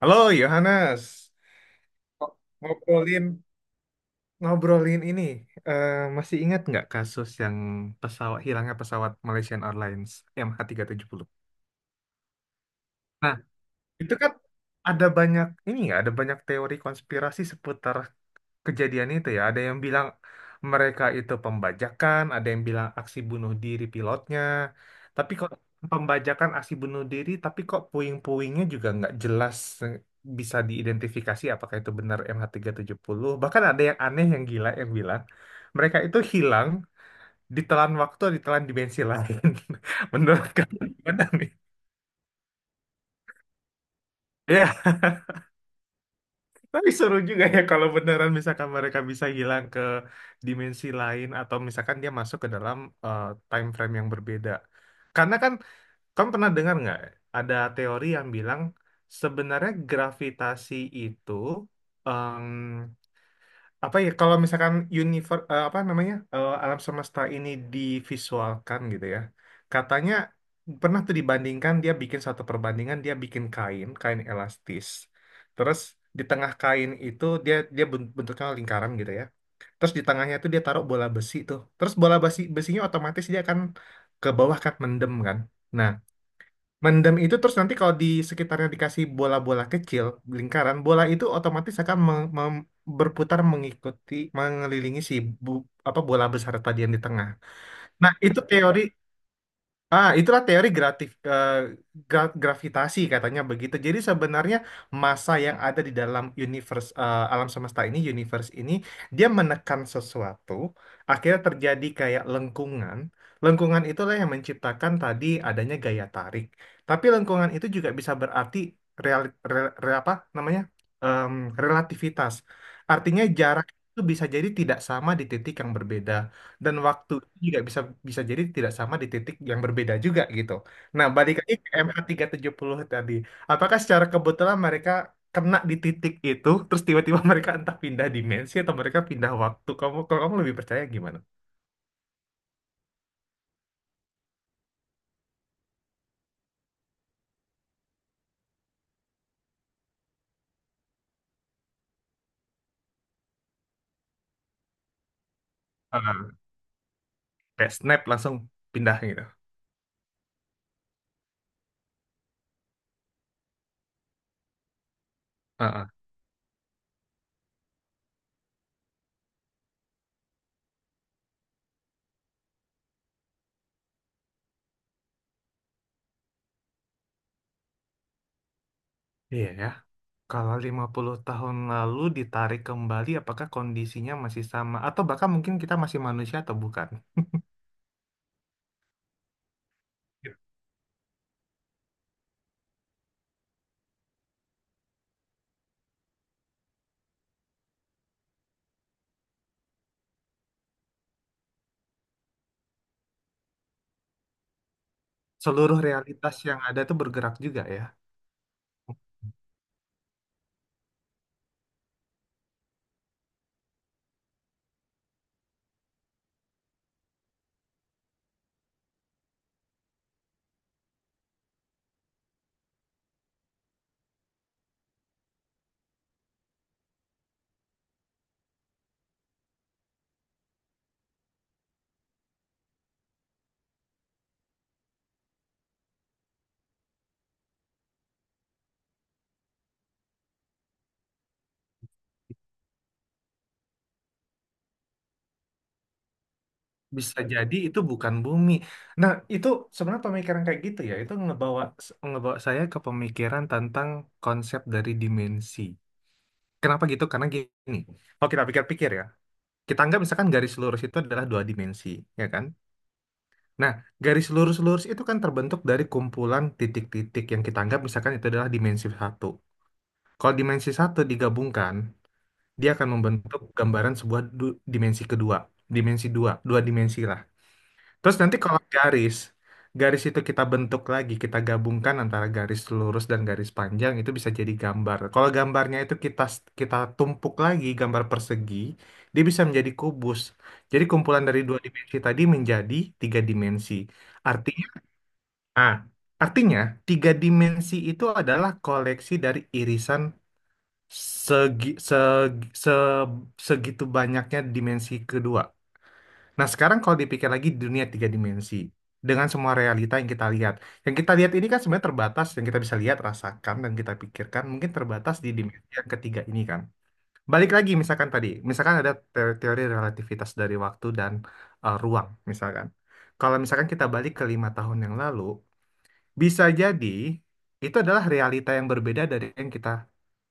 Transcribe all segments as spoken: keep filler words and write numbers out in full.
Halo Yohanes, ngobrolin ngobrolin ini eh, masih ingat nggak kasus yang pesawat hilangnya pesawat Malaysian Airlines M H tiga tujuh nol? Nah, itu kan ada banyak ini ya, ada banyak teori konspirasi seputar kejadian itu ya. Ada yang bilang mereka itu pembajakan, ada yang bilang aksi bunuh diri pilotnya. Tapi kok pembajakan aksi bunuh diri, tapi kok puing-puingnya juga nggak jelas eh, bisa diidentifikasi apakah itu benar M H tiga tujuh nol. Bahkan ada yang aneh yang gila yang bilang mereka itu hilang ditelan waktu, ditelan dimensi lain. Menurut kamu gimana nih? Iya, tapi seru juga ya kalau beneran misalkan mereka bisa hilang ke dimensi lain atau misalkan dia masuk ke dalam eh, time frame yang berbeda. Karena kan kamu pernah dengar nggak ada teori yang bilang sebenarnya gravitasi itu apa ya kalau misalkan universe apa namanya eh, alam semesta ini divisualkan gitu ya, katanya pernah tuh dibandingkan, dia bikin satu perbandingan, dia bikin kain kain elastis, terus di tengah kain itu dia dia bent- bentuknya lingkaran gitu ya, terus di tengahnya tuh dia taruh bola besi tuh, terus bola besi besinya otomatis dia akan ke bawah kan, mendem kan. Nah, mendem itu, terus nanti kalau di sekitarnya dikasih bola-bola kecil, lingkaran, bola itu otomatis akan meng- mem- berputar mengikuti, mengelilingi si bu- apa, bola besar tadi yang di tengah. Nah, itu teori, ah, itulah teori gratif, eh, gra- gravitasi katanya begitu. Jadi sebenarnya massa yang ada di dalam universe, eh, alam semesta ini, universe ini, dia menekan sesuatu, akhirnya terjadi kayak lengkungan. Lengkungan itulah yang menciptakan tadi adanya gaya tarik. Tapi lengkungan itu juga bisa berarti real, re- re- apa namanya? Em, Relativitas. Artinya jarak itu bisa jadi tidak sama di titik yang berbeda, dan waktu juga bisa bisa jadi tidak sama di titik yang berbeda juga gitu. Nah, balik lagi ke M H tiga tujuh nol tadi. Apakah secara kebetulan mereka kena di titik itu, terus tiba-tiba mereka entah pindah dimensi atau mereka pindah waktu? Kamu, kalau kamu lebih percaya gimana? Ah, kayak snap langsung pindah gitu. Ah, ah. Iya ya. Kalau lima puluh tahun lalu ditarik kembali, apakah kondisinya masih sama? Atau bahkan mungkin kita masih manusia atau bukan? Seluruh realitas yang ada itu bergerak juga ya. Bisa jadi itu bukan bumi. Nah, itu sebenarnya pemikiran kayak gitu ya, itu ngebawa ngebawa saya ke pemikiran tentang konsep dari dimensi. Kenapa gitu? Karena gini, kalau kita pikir-pikir ya, kita anggap misalkan garis lurus itu adalah dua dimensi, ya kan? Nah, garis lurus-lurus itu kan terbentuk dari kumpulan titik-titik yang kita anggap misalkan itu adalah dimensi satu. Kalau dimensi satu digabungkan, dia akan membentuk gambaran sebuah du- dimensi kedua, dimensi dua, dua dimensi lah. Terus nanti kalau garis, garis itu kita bentuk lagi, kita gabungkan antara garis lurus dan garis panjang, itu bisa jadi gambar. Kalau gambarnya itu kita kita tumpuk lagi gambar persegi, dia bisa menjadi kubus. Jadi kumpulan dari dua dimensi tadi menjadi tiga dimensi. Artinya, ah, artinya tiga dimensi itu adalah koleksi dari irisan segi, seg- se- segitu banyaknya dimensi kedua. Nah, sekarang kalau dipikir lagi di dunia tiga dimensi, dengan semua realita yang kita lihat, yang kita lihat ini kan sebenarnya terbatas, yang kita bisa lihat, rasakan, dan kita pikirkan mungkin terbatas di dimensi yang ketiga ini kan. Balik lagi misalkan tadi, misalkan ada te- teori relativitas dari waktu dan eh, ruang, misalkan. Kalau misalkan kita balik ke lima tahun yang lalu, bisa jadi itu adalah realita yang berbeda dari yang kita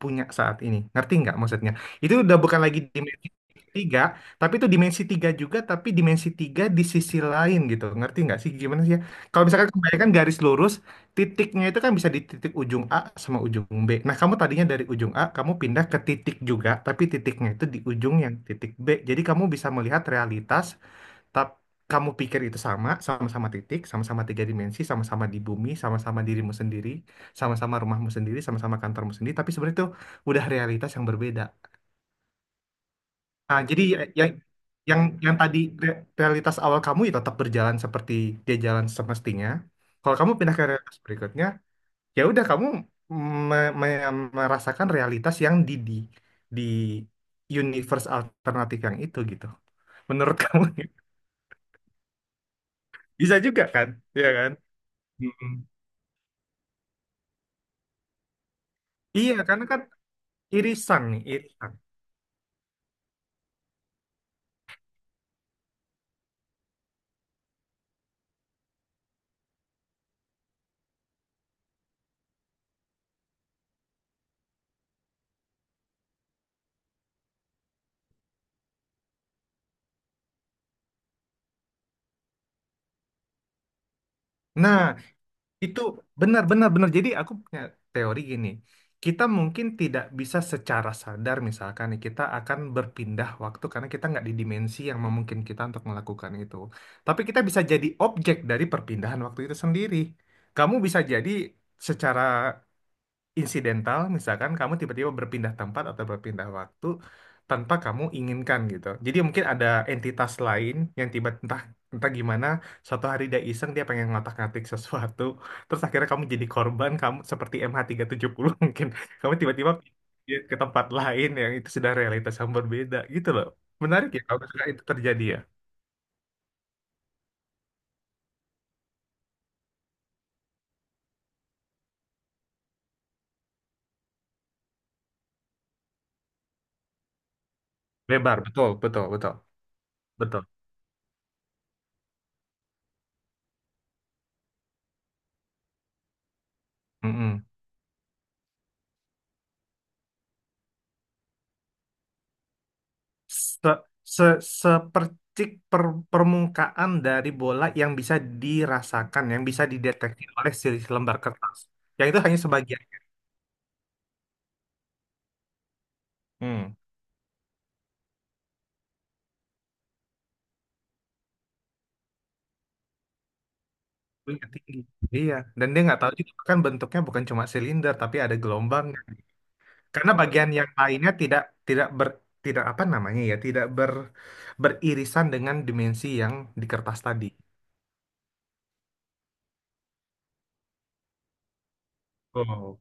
punya saat ini. Ngerti nggak maksudnya? Itu udah bukan lagi dimensi tiga, tapi itu dimensi tiga juga, tapi dimensi tiga di sisi lain gitu. Ngerti nggak sih gimana sih ya? Kalau misalkan kebanyakan garis lurus, titiknya itu kan bisa di titik ujung A sama ujung B. Nah, kamu tadinya dari ujung A, kamu pindah ke titik juga, tapi titiknya itu di ujung yang titik B. Jadi kamu bisa melihat realitas. Tap, kamu pikir itu sama, sama-sama titik, sama-sama tiga dimensi, sama-sama di bumi, sama-sama dirimu sendiri, sama-sama rumahmu sendiri, sama-sama kantormu sendiri, tapi sebenarnya itu udah realitas yang berbeda. Ah, jadi ya- yang yang yang tadi re- realitas awal kamu ya tetap berjalan seperti dia jalan semestinya. Kalau kamu pindah ke realitas berikutnya, ya udah kamu me- me- merasakan realitas yang di di di universe alternatif yang itu gitu. Menurut kamu, bisa juga kan? Iya kan? Hmm. Iya, karena kan irisan nih, irisan. Nah, itu benar-benar benar. Jadi aku punya teori gini. Kita mungkin tidak bisa secara sadar misalkan nih, kita akan berpindah waktu karena kita nggak di dimensi yang memungkinkan kita untuk melakukan itu. Tapi kita bisa jadi objek dari perpindahan waktu itu sendiri. Kamu bisa jadi secara insidental misalkan kamu tiba-tiba berpindah tempat atau berpindah waktu tanpa kamu inginkan gitu. Jadi mungkin ada entitas lain yang tiba entah entah gimana, suatu hari dia iseng, dia pengen ngotak-ngatik sesuatu, terus akhirnya kamu jadi korban, kamu seperti M H tiga tujuh nol mungkin. Kamu tiba-tiba pindah ke tempat lain yang itu sudah realitas yang berbeda gitu loh. Menarik ya kalau misalkan itu terjadi ya. Lebar, betul, betul, betul, betul. Mm-mm. se, se, Sepercik per- permukaan dari bola yang bisa dirasakan, yang bisa dideteksi oleh si lembar kertas. Yang itu hanya sebagian. Hmm. Punya tinggi. Iya, dan dia nggak tahu juga kan bentuknya bukan cuma silinder tapi ada gelombang. Karena bagian yang lainnya tidak tidak ber tidak apa namanya ya, tidak ber beririsan dengan dimensi yang di kertas tadi. Oh,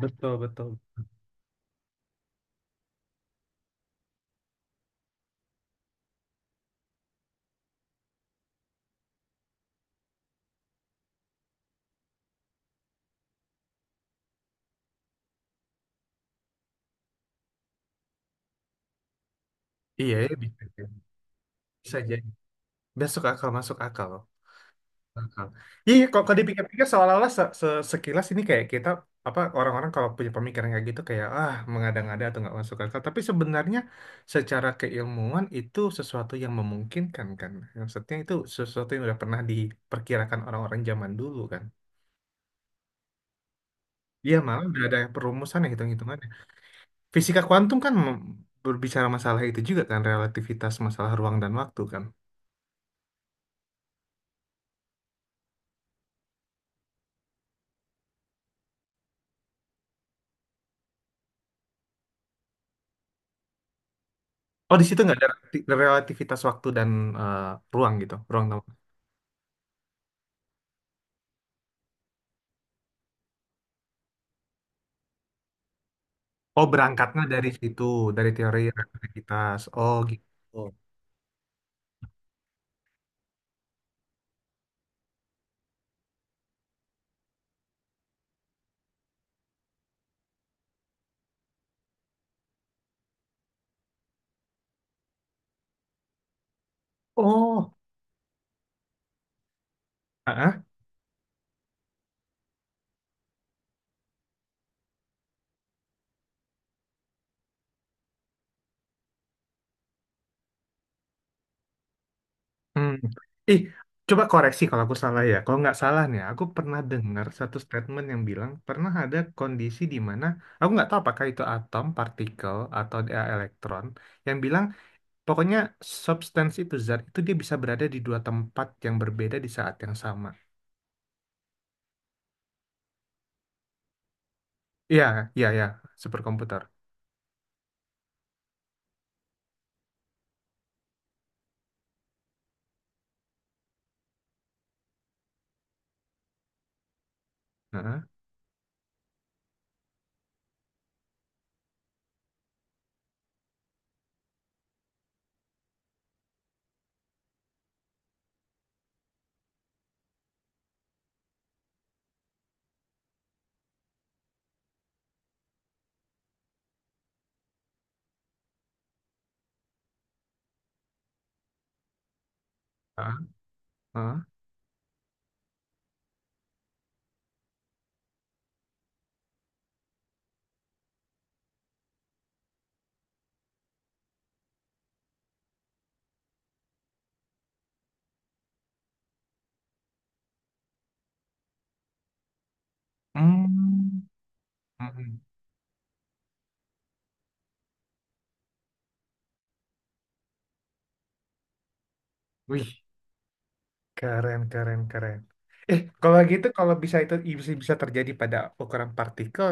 betul betul. Iya, ya, bisa jadi. Bisa jadi. Besok akal masuk akal. Heeh. Iya, kok kalau dipikir-pikir seolah-olah se- se- sekilas ini kayak kita apa, orang-orang kalau punya pemikiran kayak gitu kayak ah mengada-ngada atau nggak masuk akal. Tapi sebenarnya secara keilmuan itu sesuatu yang memungkinkan kan. Maksudnya itu sesuatu yang udah pernah diperkirakan orang-orang zaman dulu kan. Iya, malah udah ada perumusan ya, hitung-hitungannya. Fisika kuantum kan mem- berbicara masalah itu juga kan, relativitas masalah ruang dan waktu kan. Oh, di situ nggak ada relati- relativitas waktu dan eh, ruang gitu, ruang. Oh, berangkatnya dari situ, dari teori relativitas. Oh, gitu. Oh, ah, hmm. Ih, coba koreksi kalau aku salah ya. Kalau nggak salah nih, aku pernah dengar satu statement yang bilang pernah ada kondisi di mana aku nggak tahu apakah itu atom, partikel, atau dia elektron, yang bilang pokoknya substansi itu, zat itu, dia bisa berada di dua tempat yang berbeda di saat yang sama. Iya, iya, iya, superkomputer. Heeh, heeh, heeh. Hmm. hmm. hmm. Wih, Keren, keren, keren. Eh, kalau gitu, kalau bisa itu bisa, bisa terjadi pada ukuran partikel,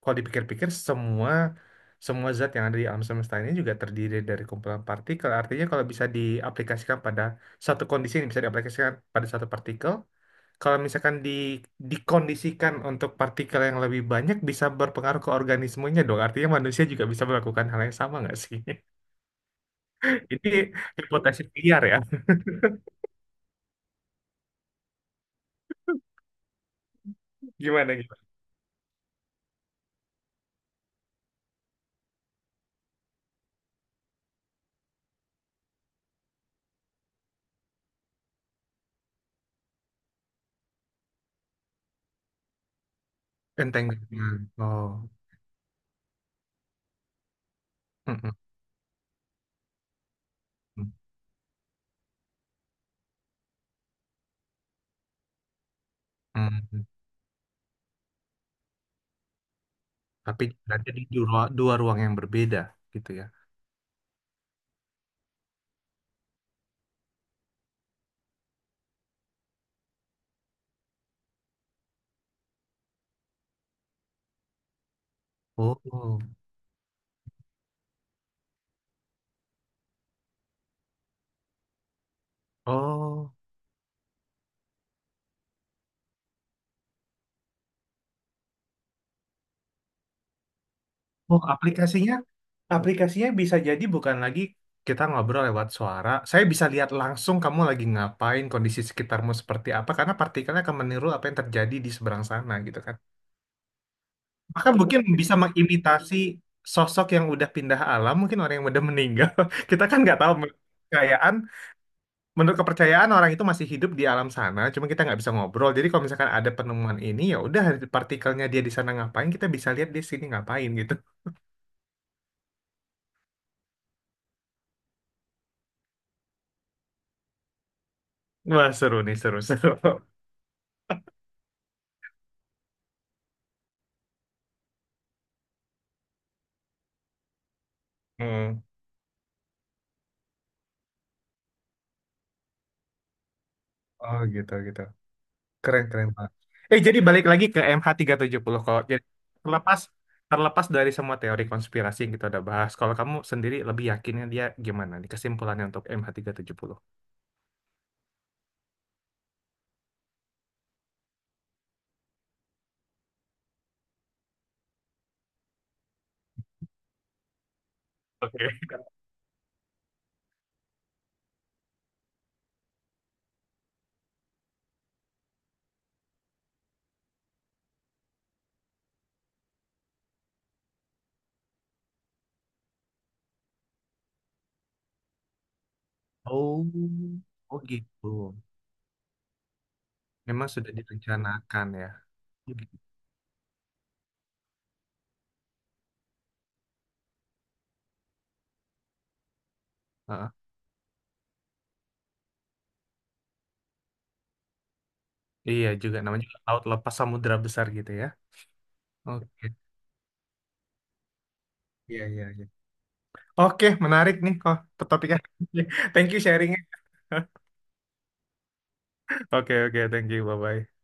kalau dipikir-pikir semua semua zat yang ada di alam semesta ini juga terdiri dari kumpulan partikel. Artinya kalau bisa diaplikasikan pada satu kondisi, ini bisa diaplikasikan pada satu partikel, kalau misalkan di dikondisikan untuk partikel yang lebih banyak, bisa berpengaruh ke organismenya dong. Artinya manusia juga bisa melakukan hal yang sama nggak sih? Ini hipotesis liar ya. Gimana gitu? Enteng. Oh. Mm-mm. Hmm, tapi berarti di dua, ru- dua ruang yang berbeda gitu ya. Oh, oh, oh, Oh, aplikasinya, aplikasinya bisa jadi bukan lagi kita ngobrol lewat suara. Saya bisa lihat langsung kamu lagi ngapain, kondisi sekitarmu seperti apa, karena partikelnya akan meniru apa yang terjadi di seberang sana gitu kan. Maka mungkin bisa mengimitasi sosok yang udah pindah alam, mungkin orang yang udah meninggal. Kita kan nggak tahu kekayaan menurut kepercayaan orang itu masih hidup di alam sana, cuma kita nggak bisa ngobrol. Jadi kalau misalkan ada penemuan ini, ya udah partikelnya dia di sana ngapain, kita bisa lihat di sini ngapain gitu. Wah seru nih, seru seru. Hmm. Oh gitu gitu, keren keren banget. Eh, jadi balik lagi ke M H tiga tujuh nol kalau jadi, terlepas terlepas dari semua teori konspirasi yang kita udah bahas, kalau kamu sendiri lebih yakinnya dia gimana nih kesimpulannya untuk M H tiga tujuh nol? Oke. Oh, oh gitu. Memang sudah direncanakan ya. Heeh. Iya, juga namanya juga laut lepas samudra besar gitu ya. Oke. Iya, iya, iya. Oke, menarik nih kok topiknya. Thank you sharingnya. Oke oke, thank you. Bye bye.